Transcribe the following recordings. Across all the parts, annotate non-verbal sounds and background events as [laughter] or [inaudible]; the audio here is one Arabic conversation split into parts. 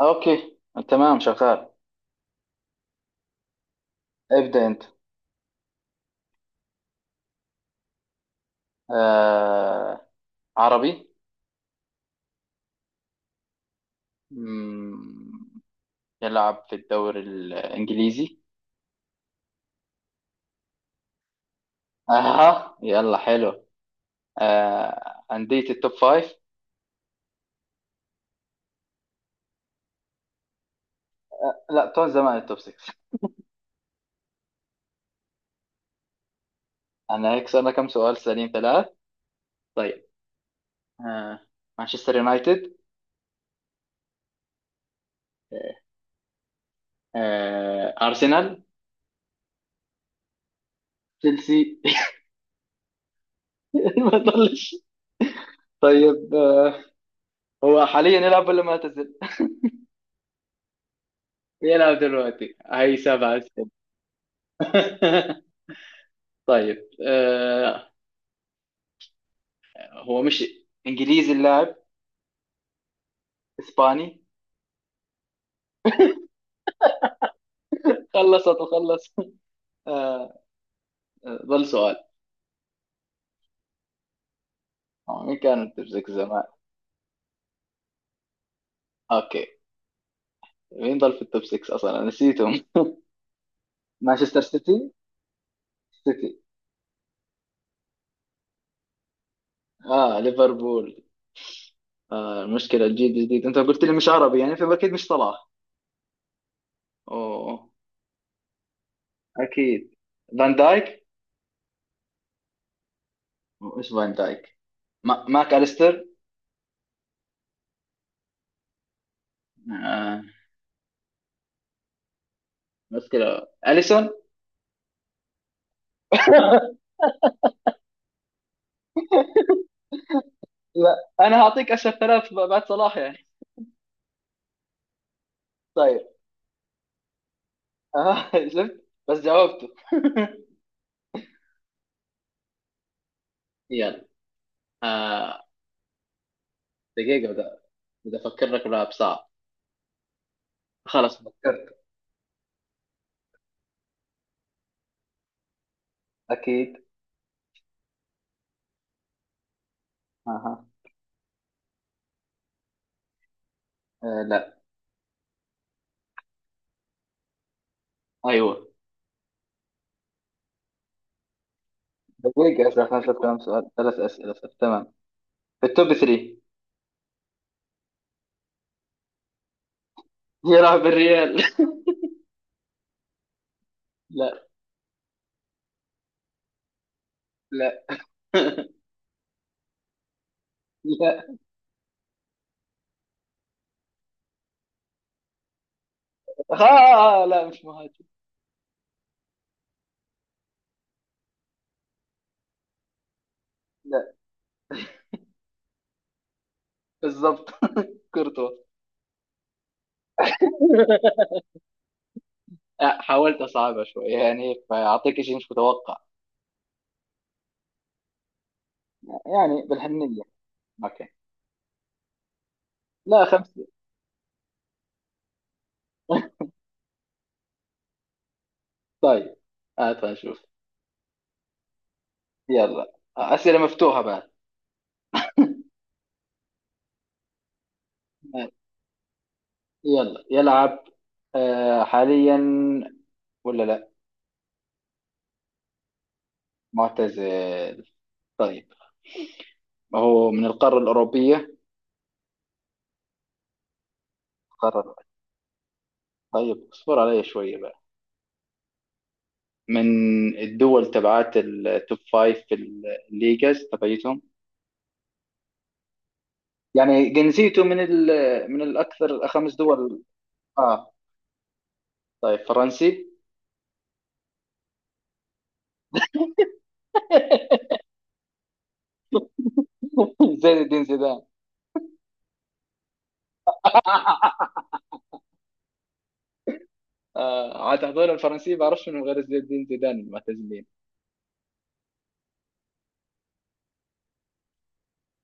اوكي. تمام شغال. ابدأ انت. آه، عربي. مم، يلعب في الدوري الانجليزي. اها، يلا حلو. آه، اندية التوب فايف. لا، طول زمان التوب 6. انا هيك صار لنا كم سؤال؟ سليم ثلاث. طيب آه، مانشستر يونايتد. آه، آه، ارسنال. تشيلسي. [laughs] ما ضلش. طيب آه، هو حاليا يلعب ولا معتزل؟ يلعب دلوقتي. هاي سبعة أسئلة. [laughs] طيب آه، هو مش انجليزي اللاعب؟ اسباني؟ خلصت وخلص. [laughs] آه آه، ظل سؤال. آه، مين كان التوب 6 زمان؟ اوكي، مين ظل في التوب 6 اصلا، أنا نسيتهم. [laughs] مانشستر سيتي. سيتي. اه، ليفربول. آه المشكلة الجيل الجديد، انت قلت لي مش عربي يعني فاكيد مش صلاح. اوه. اكيد. فان دايك. ايش فان دايك. ماك اليستر. آه، مشكلة اليسون. [laughs] لا، انا هعطيك اشهر ثلاث بعد صلاح يعني. طيب. اه [laughs] شفت بس جاوبته. [laughs] يلا. آه، دقيقة بدأ أفكر لك بلعب صعب. خلاص فكرت. أكيد. أها. آه لا. أيوه. دقيقة أسأل خمسة، كم سؤال؟ ثلاث أسئلة صح، تمام. في التوب 3. يلعب بالريال. [laughs] لا. لا. [laughs] لا. آه لا، مش مهاجم. لا. بالضبط. [laughs] كورتوا. آه، حاولت أصعبها شوي يعني فأعطيك شيء مش متوقع. يعني بالحنية. أوكي. لا خمسة. [laughs] طيب، هات آه نشوف. يلا أسئلة مفتوحة بقى. يلا يلعب آه، حاليا ولا لا؟ معتزل. طيب، هو من القارة الأوروبية. القارة. طيب اصبر علي شوية بقى. من الدول تبعات التوب فايف، في الليجاز تبعيتهم. يعني جنسيته من ال، من الأكثر خمس دول. آه. طيب فرنسي. [laughs] زين الدين زيدان. [laughs] آه، عاد هذول الفرنسيين بعرفش انهم غير زين الدين زيدان المعتزلين.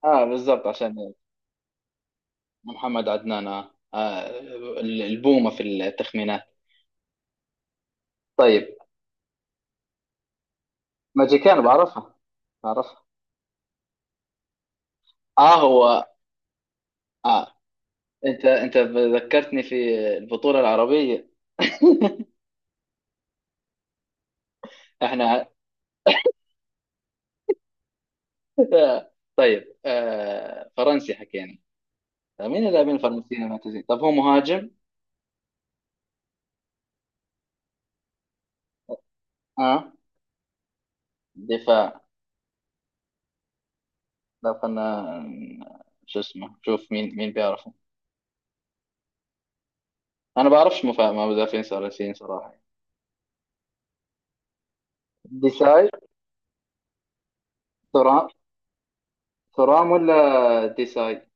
اه بالضبط عشان. محمد عدنان. آه. آه، البومة في التخمينات. طيب. ماجيكان بعرفها. بعرفها. اه هو. اه، انت ذكرتني في البطولة العربية. [laughs] احنا. طيب آه، فرنسي حكينا. طيب، مين اللاعبين الفرنسيين المعتزين؟ طب هو مهاجم؟ اه. دفاع. لا خلنا. شو اسمه شوف مين بيعرفه. انا بعرفش مدافعين فرنسيين صراحة. ديساي. ترام. ترام ولا ديساي.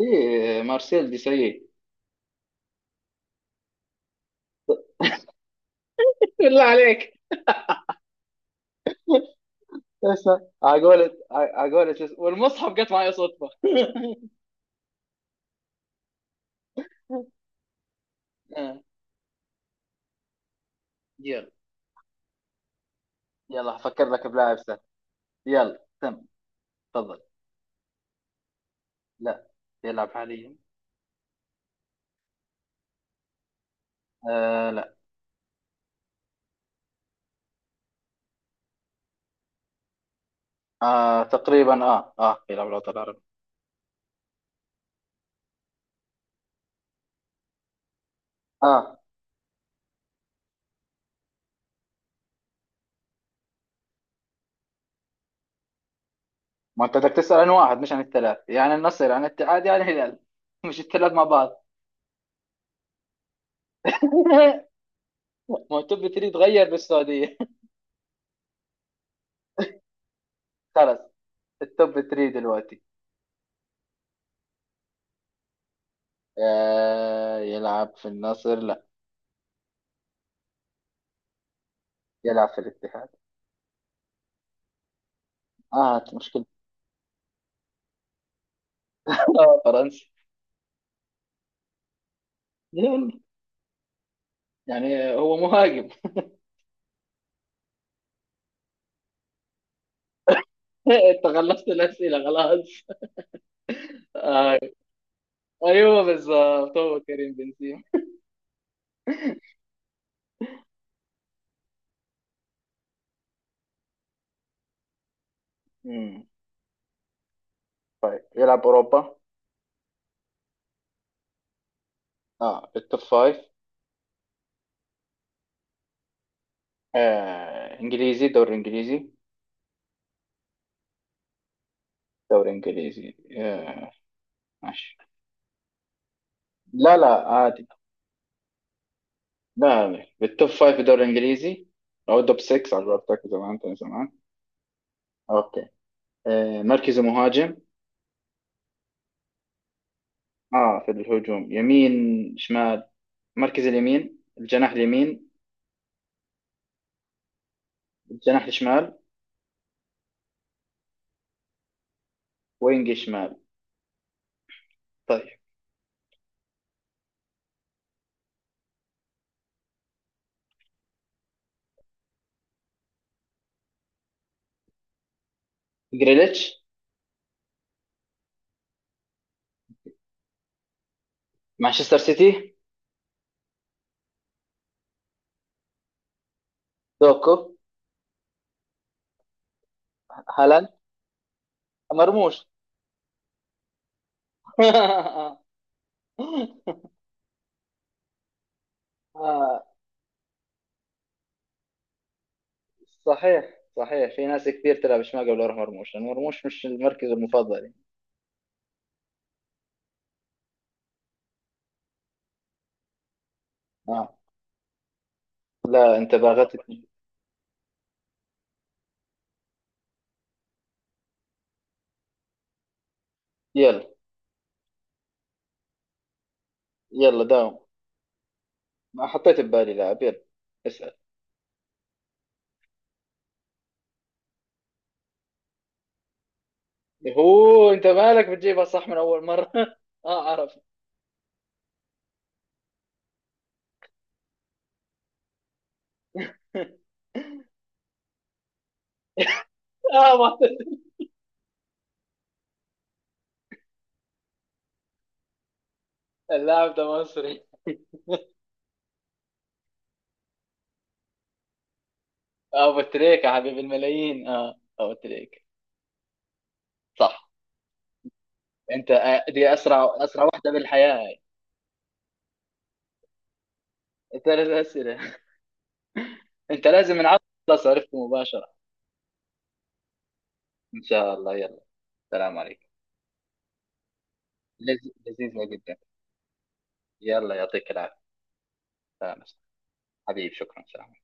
ايه مارسيل دي سي، بالله عليك. اسمع عقولة. عقولة، شو اسمه، والمصحف جت معي صدفة. [laughs] آه، يلا. يلا هفكر لك بلاعب سهل. يلا تم، تفضل. لا. يلعب حاليا. آه لا. آه تقريبا، اه اه يلعب الوطن العربي. اه. ما انت بدك تسأل عن واحد مش عن الثلاث، يعني النصر عن الاتحاد يعني الهلال. [laughs] مش الثلاث مع بعض. [laughs] ما هو التوب 3 تغير بالسعودية. [laughs] خلص. التوب 3 دلوقتي. آه، يلعب في النصر، لا. يلعب في الاتحاد. اه مشكلة. آه، فرنسي. يلا. يعني هو مهاجم. [laughs] انت خلصت الأسئلة خلاص. آه. ايوه بالظبط، هو كريم بنزيما. مم. يلعب اوروبا. اه التوب فايف. آه. انجليزي، دوري انجليزي. دوري انجليزي. آه. ماشي. لا لا عادي. لا لا. بالتوب فايف في الدوري الانجليزي او التوب 6 على قولتك زمان، كان زمان. اوكي. آه. مركزه مهاجم. اه في الهجوم، يمين، شمال، مركز اليمين، الجناح اليمين. الجناح الشمال. وينج شمال. طيب. جريليتش. مانشستر سيتي. دوكو. هالاند. مرموش. [laughs] آه. صحيح، صحيح في ناس كثير تلعب شمال قبل يروح مرموش، لأن مرموش مش المركز المفضل يعني. اه. لا انت باغتني. يلا. يلا داوم. ما حطيت ببالي لاعب. يلا اسأل. هو انت مالك بتجيبها صح من اول مرة؟ [laughs] اه عرفت. [laughs] آه. اللاعب ده مصري. [laughs] ابو تريكة يا حبيب الملايين، اه ابو تريكة صح. انت آه، دي اسرع اسرع واحدة بالحياة هاي. ثلاث اسئلة. [laughs] انت لازم نعرف. خلاص عرفت مباشرة. ان شاء الله. يلا السلام عليكم. لذيذة جدا. يلا يعطيك العافية. سلام. حبيبي شكرا، سلام.